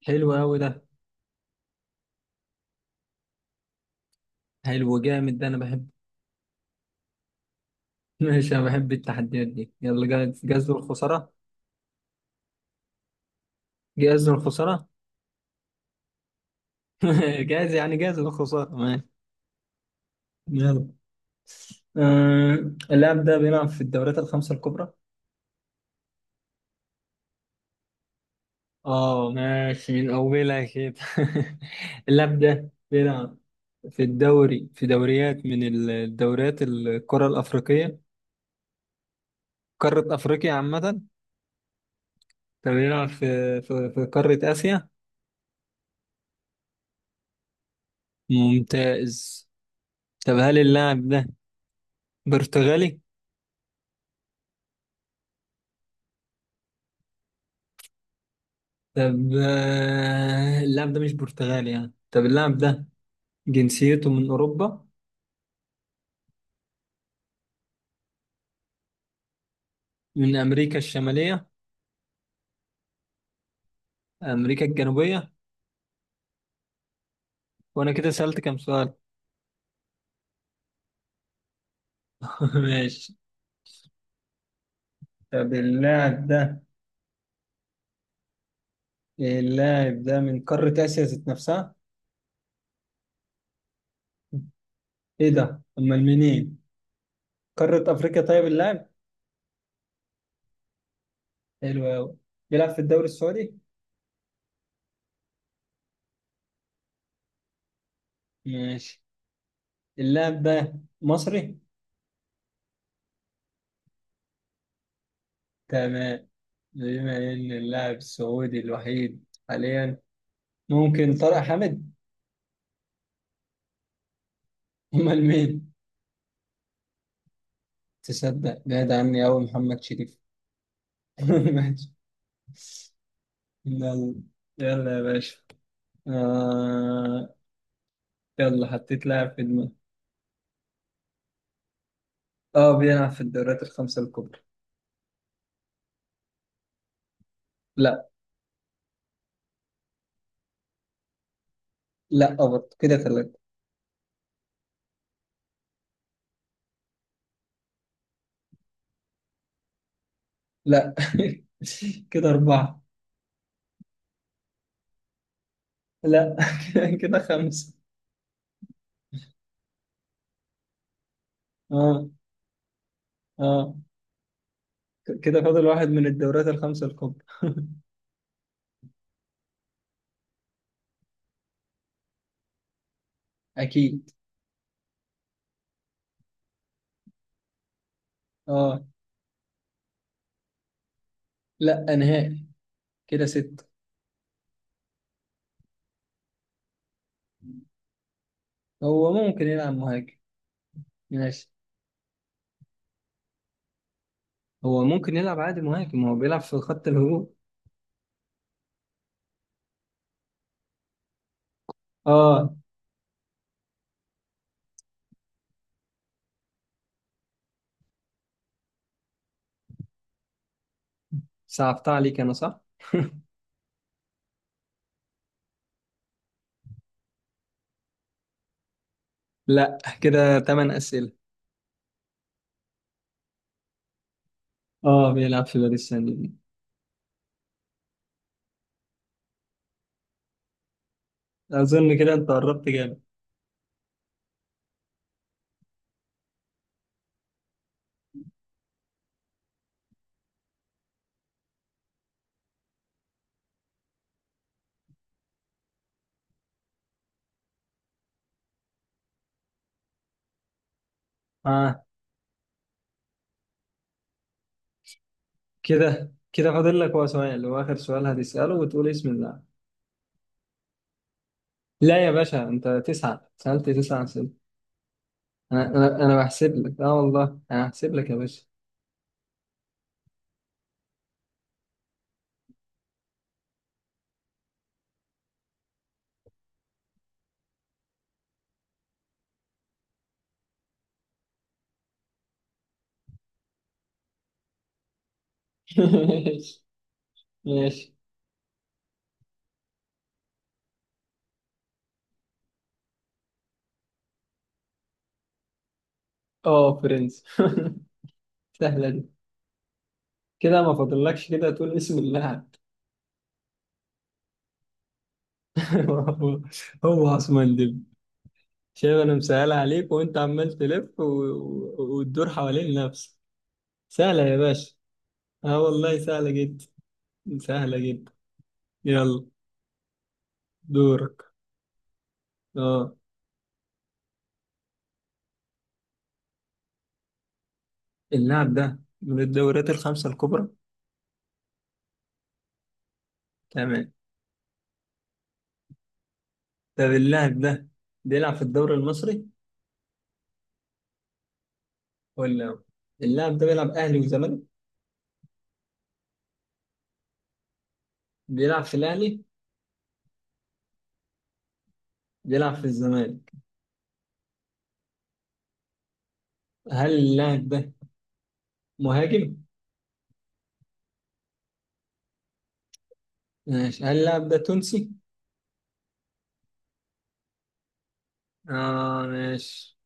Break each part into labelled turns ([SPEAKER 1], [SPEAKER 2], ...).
[SPEAKER 1] حلو أوي ده. حلو جامد ده، أنا بحب. ماشي، أنا بحب التحديات دي. يلا، جاهز جاهز للخسارة. جاهز للخسارة. جاهز، يعني جاهز للخسارة. ماشي. يلا. آه. اللاعب ده بيلعب في الدوريات الخمسة الكبرى. اه، ماشي، من أولها كده. اللاعب ده بيلعب في الدوري، في دوريات من الدوريات القارة الأفريقية. قارة أفريقيا عامة. طب، بيلعب في قارة آسيا. ممتاز. طب، هل اللاعب ده برتغالي؟ طب، اللاعب ده مش برتغالي يعني. طب اللاعب ده جنسيته من أوروبا. من أمريكا الشمالية. أمريكا الجنوبية. وأنا كده سألت كام سؤال. ماشي. طب، اللاعب ده من قارة آسيا ذات نفسها. إيه ده؟ أمال منين؟ قارة أفريقيا. طيب اللاعب. حلو أوي. بيلعب في الدوري السعودي. ماشي. اللاعب ده مصري. تمام. بما إن اللاعب السعودي الوحيد حاليا، ممكن طارق حامد. أمال مين؟ تصدق بعد عني أوي محمد شريف. ماشي. يلا. يلا يا باشا. آه... يلا، حطيت لاعب في دماغي. اه، بيلعب في الدوريات الخمسة الكبرى. لا. لا برضه، كده ثلاثة. لا. كده أربعة. لا. كده خمسة. اه. اه. كده فاضل واحد من الدوريات الخمسة الكبرى. أكيد. اه. لا نهائي. كده ستة. هو ممكن يلعب مهاجم. ماشي. هو ممكن يلعب عادي مهاجم، هو بيلعب في خط الهجوم. اه. صعبت عليك انا صح؟ لا، كده 8 اسئله. اه، بيلعب في باريس سان جيرمان. اظن كده انت قربت جامد. اه. كده فاضل لك هو سؤال، هو اخر سؤال هتساله وتقول اسم اللاعب. لا يا باشا، انت 9 سالت 9 اسئله. انا بحسب لك، اه والله انا هحسب لك يا باشا. ماشي. ماشي. اه، برنس. سهله دي. كده ما فاضلكش، كده تقول اسم اللاعب. هو. هو عثمان ديمبلي. شايف انا مسهلها عليك وانت عمال تلف وتدور حوالين نفسك. سهلة يا باشا. اه والله، سهلة جدا. سهلة جدا. يلا. دورك. اه. اللاعب ده من الدوريات الخمسة الكبرى. تمام. طب، اللاعب ده بيلعب في الدوري المصري ولا لا؟ اللاعب ده بيلعب اهلي وزمالك؟ بيلعب في الاهلي؟ بيلعب في الزمالك؟ هل اللاعب ده مهاجم؟ ماشي، هل اللاعب ده تونسي؟ اه، ماشي.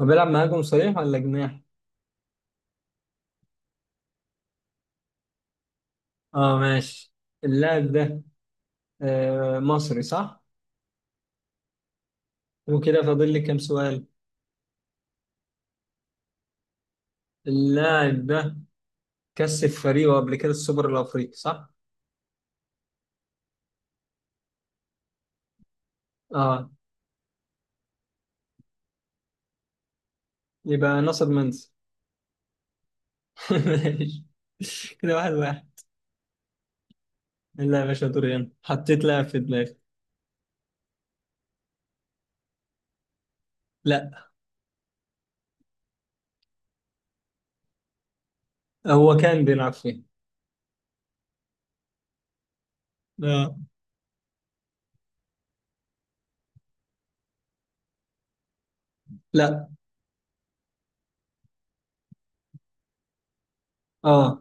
[SPEAKER 1] هو بيلعب مهاجم صريح ولا جناح؟ اه، ماشي. اللاعب ده مصري صح؟ وكده فاضل لي كام سؤال؟ اللاعب ده كسب فريقه قبل كده السوبر الأفريقي صح؟ اه. يبقى ناصر منسي. ماشي، كده واحد واحد. لا يا باشا، دوري أنا، حطيت لاعب في دماغي. لا. هو كان بيلعب فين؟ اه. لا. اه.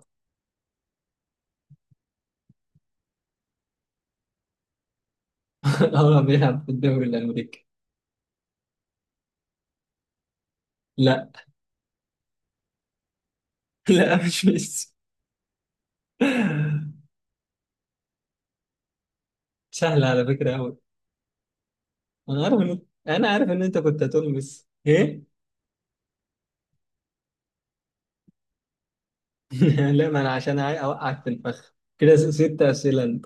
[SPEAKER 1] هو بيلعب في الدوري الأمريكي؟ لا. لا، مش ميسي. سهل على فكرة أوي. أنا عارف إن أنا عارف إن أنت كنت هتقول ميسي إيه؟ لا، ما انا عشان اوقعك في الفخ كده، 6 اسئله انت.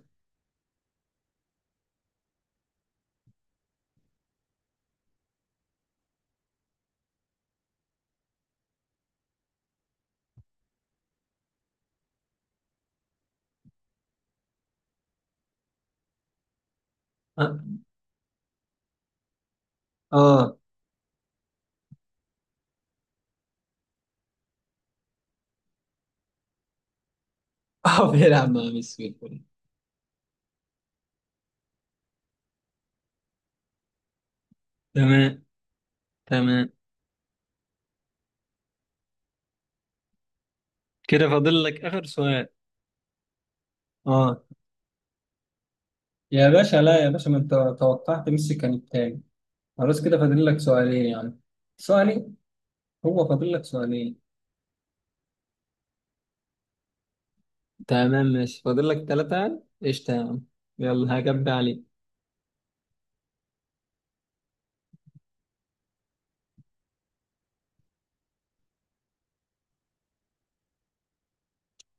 [SPEAKER 1] اه. اه. بيلعب مع ميسي الكل. تمام. تمام. كده فاضل لك اخر سؤال. اه. يا باشا، لا يا باشا، ما انت. توقعت ميسي كان التاني. خلاص، كده فاضل لك سؤالين يعني. سؤالين. هو فاضل لك سؤالين. تمام، ماشي، فاضل لك 3، قشطه يا عم. يلا، هجب عليك.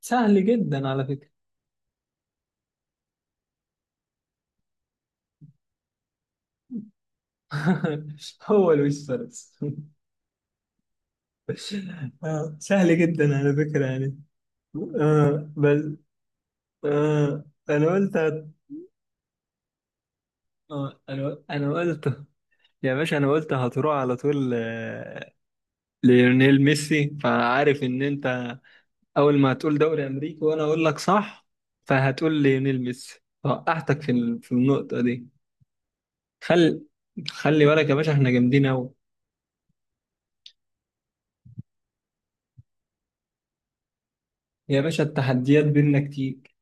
[SPEAKER 1] سهل جدا على فكره. هو لويس فارس. سهل جدا على فكره يعني. آه بس. آه. انا قلت. آه. انا قلت. يا باشا، انا قلت هتروح على طول، ليونيل ميسي، فعارف ان انت اول ما هتقول دوري امريكي وانا اقول لك صح، فهتقول ليونيل ميسي، فوقعتك في النقطة دي. خل خلي بالك يا باشا، احنا جامدين قوي. يا باشا، التحديات بينا كتير.